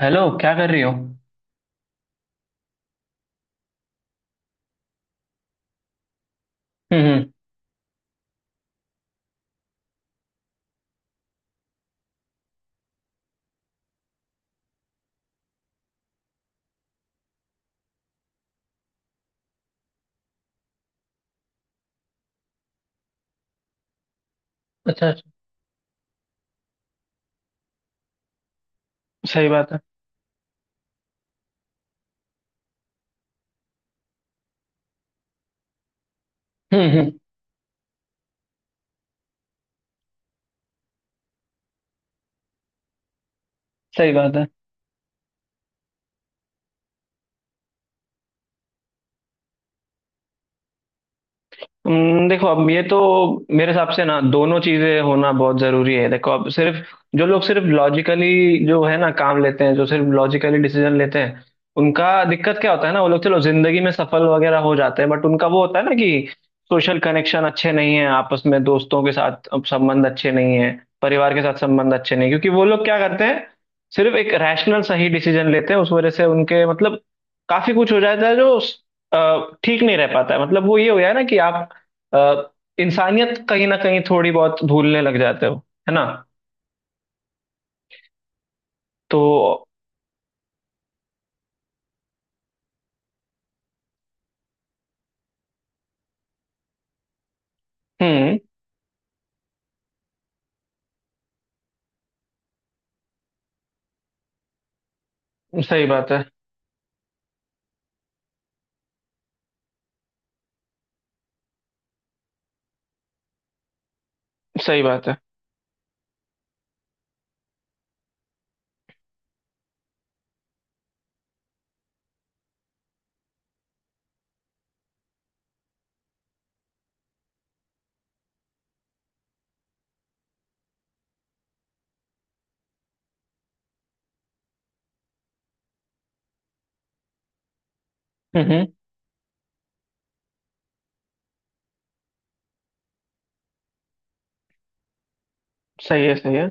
Hello, क्या कर रही हो? हम्म। हम्म। अच्छा अच्छा। सही बात है। हम्म। सही बात है। देखो, अब ये तो मेरे हिसाब से ना दोनों चीजें होना बहुत जरूरी है। देखो, अब सिर्फ जो लोग सिर्फ लॉजिकली जो है ना काम लेते हैं, जो सिर्फ लॉजिकली डिसीजन लेते हैं, उनका दिक्कत क्या होता है ना, वो लोग चलो जिंदगी में सफल वगैरह हो जाते हैं, बट उनका वो होता है ना कि सोशल कनेक्शन अच्छे नहीं है, आपस में दोस्तों के साथ अब संबंध अच्छे नहीं है, परिवार के साथ संबंध अच्छे नहीं, क्योंकि वो लोग क्या करते हैं, सिर्फ एक रैशनल सही डिसीजन लेते हैं। उस वजह से उनके मतलब काफी कुछ हो जाता है जो ठीक नहीं रह पाता है। मतलब, वो ये हो गया ना कि आप अ, इंसानियत कहीं ना कहीं थोड़ी बहुत भूलने लग जाते हो, है ना। तो। हम्म। सही बात है। सही बात है। हम्म। सही है सही है।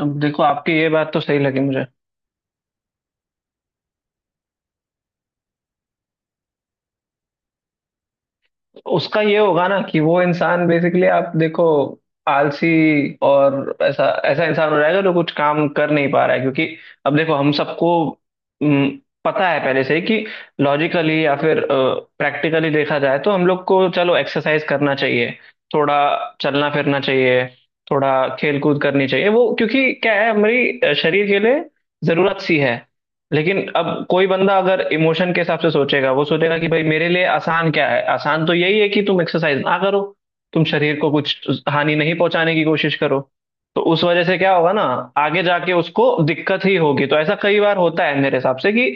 अब देखो, आपकी ये बात तो सही लगी मुझे। उसका ये होगा ना कि वो इंसान बेसिकली, आप देखो, आलसी और ऐसा ऐसा इंसान हो जाएगा जो कुछ काम कर नहीं पा रहा है। क्योंकि अब देखो, हम सबको हम्म, पता है पहले से ही कि लॉजिकली या फिर प्रैक्टिकली देखा जाए तो हम लोग को चलो एक्सरसाइज करना चाहिए, थोड़ा चलना फिरना चाहिए, थोड़ा खेल कूद करनी चाहिए। वो क्योंकि क्या है, हमारी शरीर के लिए जरूरत सी है। लेकिन अब कोई बंदा अगर इमोशन के हिसाब से सोचेगा, वो सोचेगा कि भाई मेरे लिए आसान क्या है, आसान तो यही है कि तुम एक्सरसाइज ना करो, तुम शरीर को कुछ हानि नहीं पहुंचाने की कोशिश करो। तो उस वजह से क्या होगा ना, आगे जाके उसको दिक्कत ही होगी। तो ऐसा कई बार होता है मेरे हिसाब से कि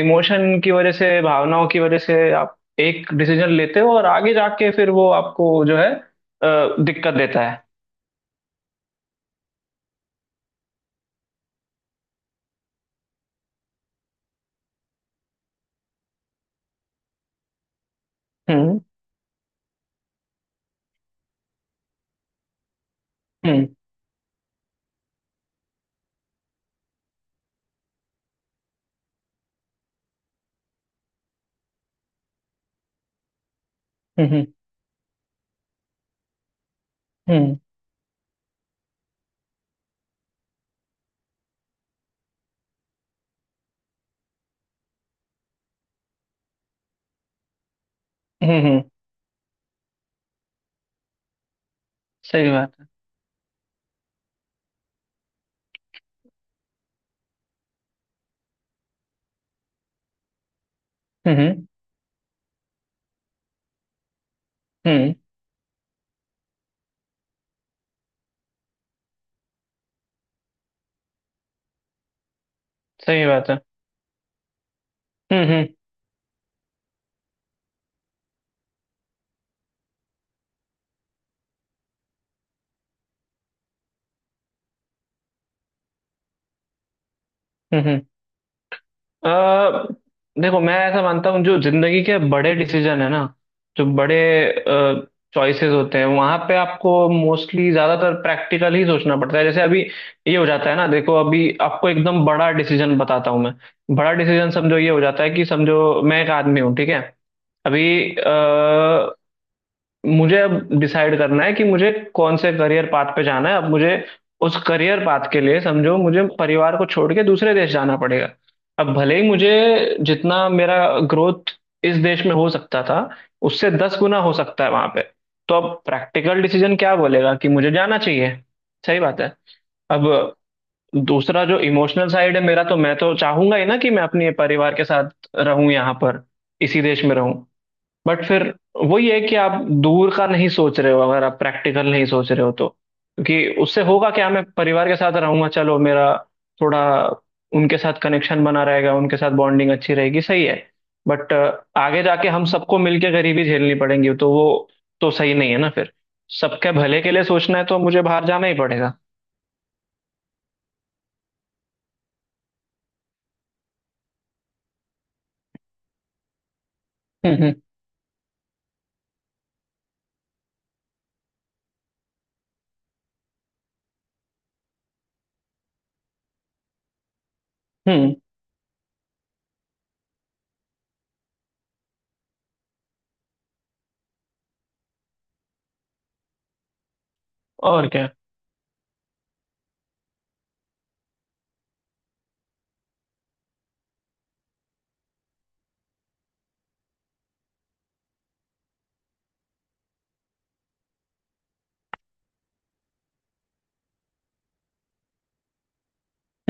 इमोशन की वजह से, भावनाओं की वजह से, आप एक डिसीजन लेते हो और आगे जाके फिर वो आपको जो है दिक्कत देता है। हम्म। हम्म। हम्म। हम्म। हम्म। हम्म। सही बात है। हम्म। सही बात है। हम्म। हम्म हम्म। देखो, मैं ऐसा मानता हूँ, जो जिंदगी के बड़े डिसीजन है ना, जो बड़े चॉइसेस होते हैं, वहां पे आपको मोस्टली ज्यादातर प्रैक्टिकल ही सोचना पड़ता है। जैसे अभी ये हो जाता है ना, देखो अभी आपको एकदम बड़ा डिसीजन बताता हूँ मैं। बड़ा डिसीजन समझो, ये हो जाता है कि समझो मैं एक आदमी हूँ, ठीक है। अभी मुझे अब डिसाइड करना है कि मुझे कौन से करियर पाथ पे जाना है। अब मुझे उस करियर पाथ के लिए समझो मुझे परिवार को छोड़ के दूसरे देश जाना पड़ेगा। अब भले ही मुझे, जितना मेरा ग्रोथ इस देश में हो सकता था, उससे 10 गुना हो सकता है वहां पे। तो अब प्रैक्टिकल डिसीजन क्या बोलेगा, कि मुझे जाना चाहिए। सही बात है। अब दूसरा जो इमोशनल साइड है मेरा, तो मैं तो चाहूंगा ही ना कि मैं अपने परिवार के साथ रहूं यहाँ पर, इसी देश में रहूं। बट फिर वही है कि आप दूर का नहीं सोच रहे हो, अगर आप प्रैक्टिकल नहीं सोच रहे हो तो, क्योंकि उससे होगा क्या, मैं परिवार के साथ रहूंगा, चलो मेरा थोड़ा उनके साथ कनेक्शन बना रहेगा, उनके साथ बॉन्डिंग अच्छी रहेगी, सही है। बट आगे जाके हम सबको मिलके गरीबी झेलनी पड़ेगी, तो वो तो सही नहीं है ना फिर। सबके भले के लिए सोचना है तो मुझे बाहर जाना ही पड़ेगा। हम्म। हम्म। और क्या।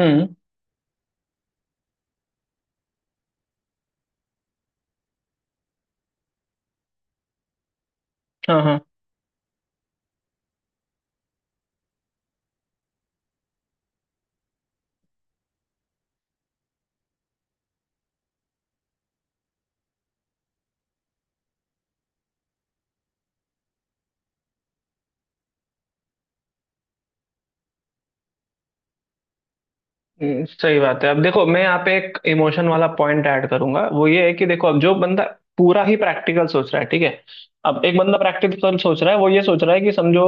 हम्म। हाँ हाँ। हम्म। सही बात है। अब देखो, मैं यहाँ पे एक इमोशन वाला पॉइंट ऐड करूंगा। वो ये है कि देखो, अब जो बंदा पूरा ही प्रैक्टिकल सोच रहा है, ठीक है। अब एक बंदा प्रैक्टिकल सोच रहा है, वो ये सोच रहा है कि समझो,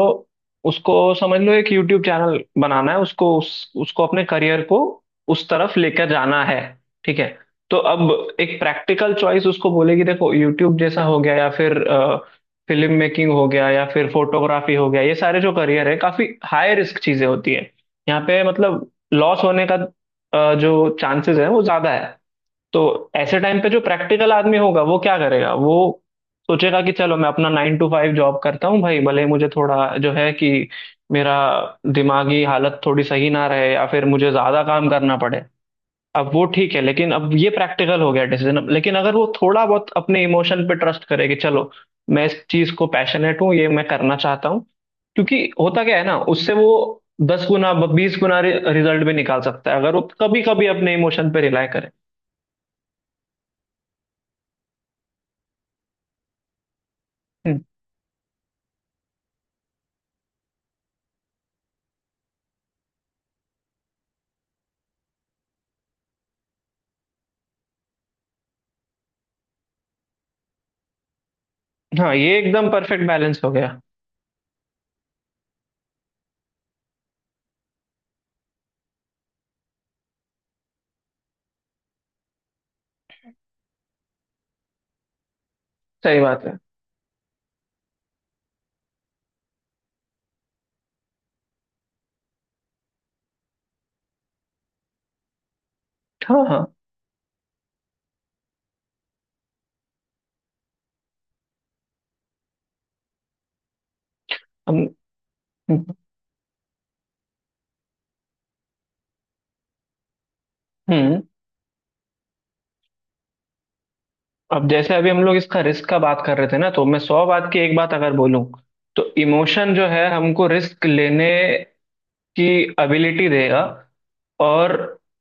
उसको समझ लो एक यूट्यूब चैनल बनाना है, उसको उसको अपने करियर को उस तरफ लेकर जाना है, ठीक है। तो अब एक प्रैक्टिकल चॉइस उसको बोलेगी, देखो यूट्यूब जैसा हो गया, या फिर फिल्म मेकिंग हो गया, या फिर फोटोग्राफी हो गया, ये सारे जो करियर है काफी हाई रिस्क चीजें होती है। यहाँ पे मतलब लॉस होने का जो चांसेस है वो ज्यादा है। तो ऐसे टाइम पे जो प्रैक्टिकल आदमी होगा वो क्या करेगा, वो सोचेगा कि चलो मैं अपना 9 to 5 जॉब करता हूँ, भाई भले ही मुझे थोड़ा जो है कि मेरा दिमागी हालत थोड़ी सही ना रहे, या फिर मुझे ज्यादा काम करना पड़े। अब वो ठीक है, लेकिन अब ये प्रैक्टिकल हो गया डिसीजन। अब लेकिन अगर वो थोड़ा बहुत अपने इमोशन पे ट्रस्ट करे कि चलो मैं इस चीज को पैशनेट हूँ, ये मैं करना चाहता हूँ, क्योंकि होता क्या है ना, उससे वो 10 गुना 20 गुना रिजल्ट भी निकाल सकता है अगर वो कभी कभी अपने इमोशन पे रिलाय करे। हम्म। हाँ, ये एकदम परफेक्ट बैलेंस हो गया। सही बात है। हाँ हाँ। हम। हम्म। अब जैसे अभी हम लोग इसका रिस्क का बात कर रहे थे ना, तो मैं सौ बात की एक बात अगर बोलूं, तो इमोशन जो है हमको रिस्क लेने की एबिलिटी देगा, और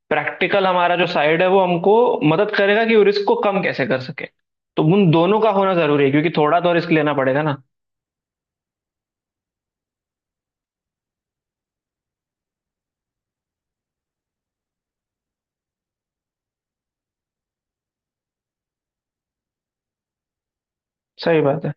प्रैक्टिकल हमारा जो साइड है वो हमको मदद करेगा कि रिस्क को कम कैसे कर सके। तो उन दोनों का होना जरूरी है, क्योंकि थोड़ा तो रिस्क लेना पड़ेगा ना। सही बात है।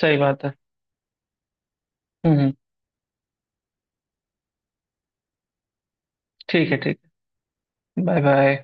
सही बात है। हम्म। ठीक है ठीक है। Bye bye.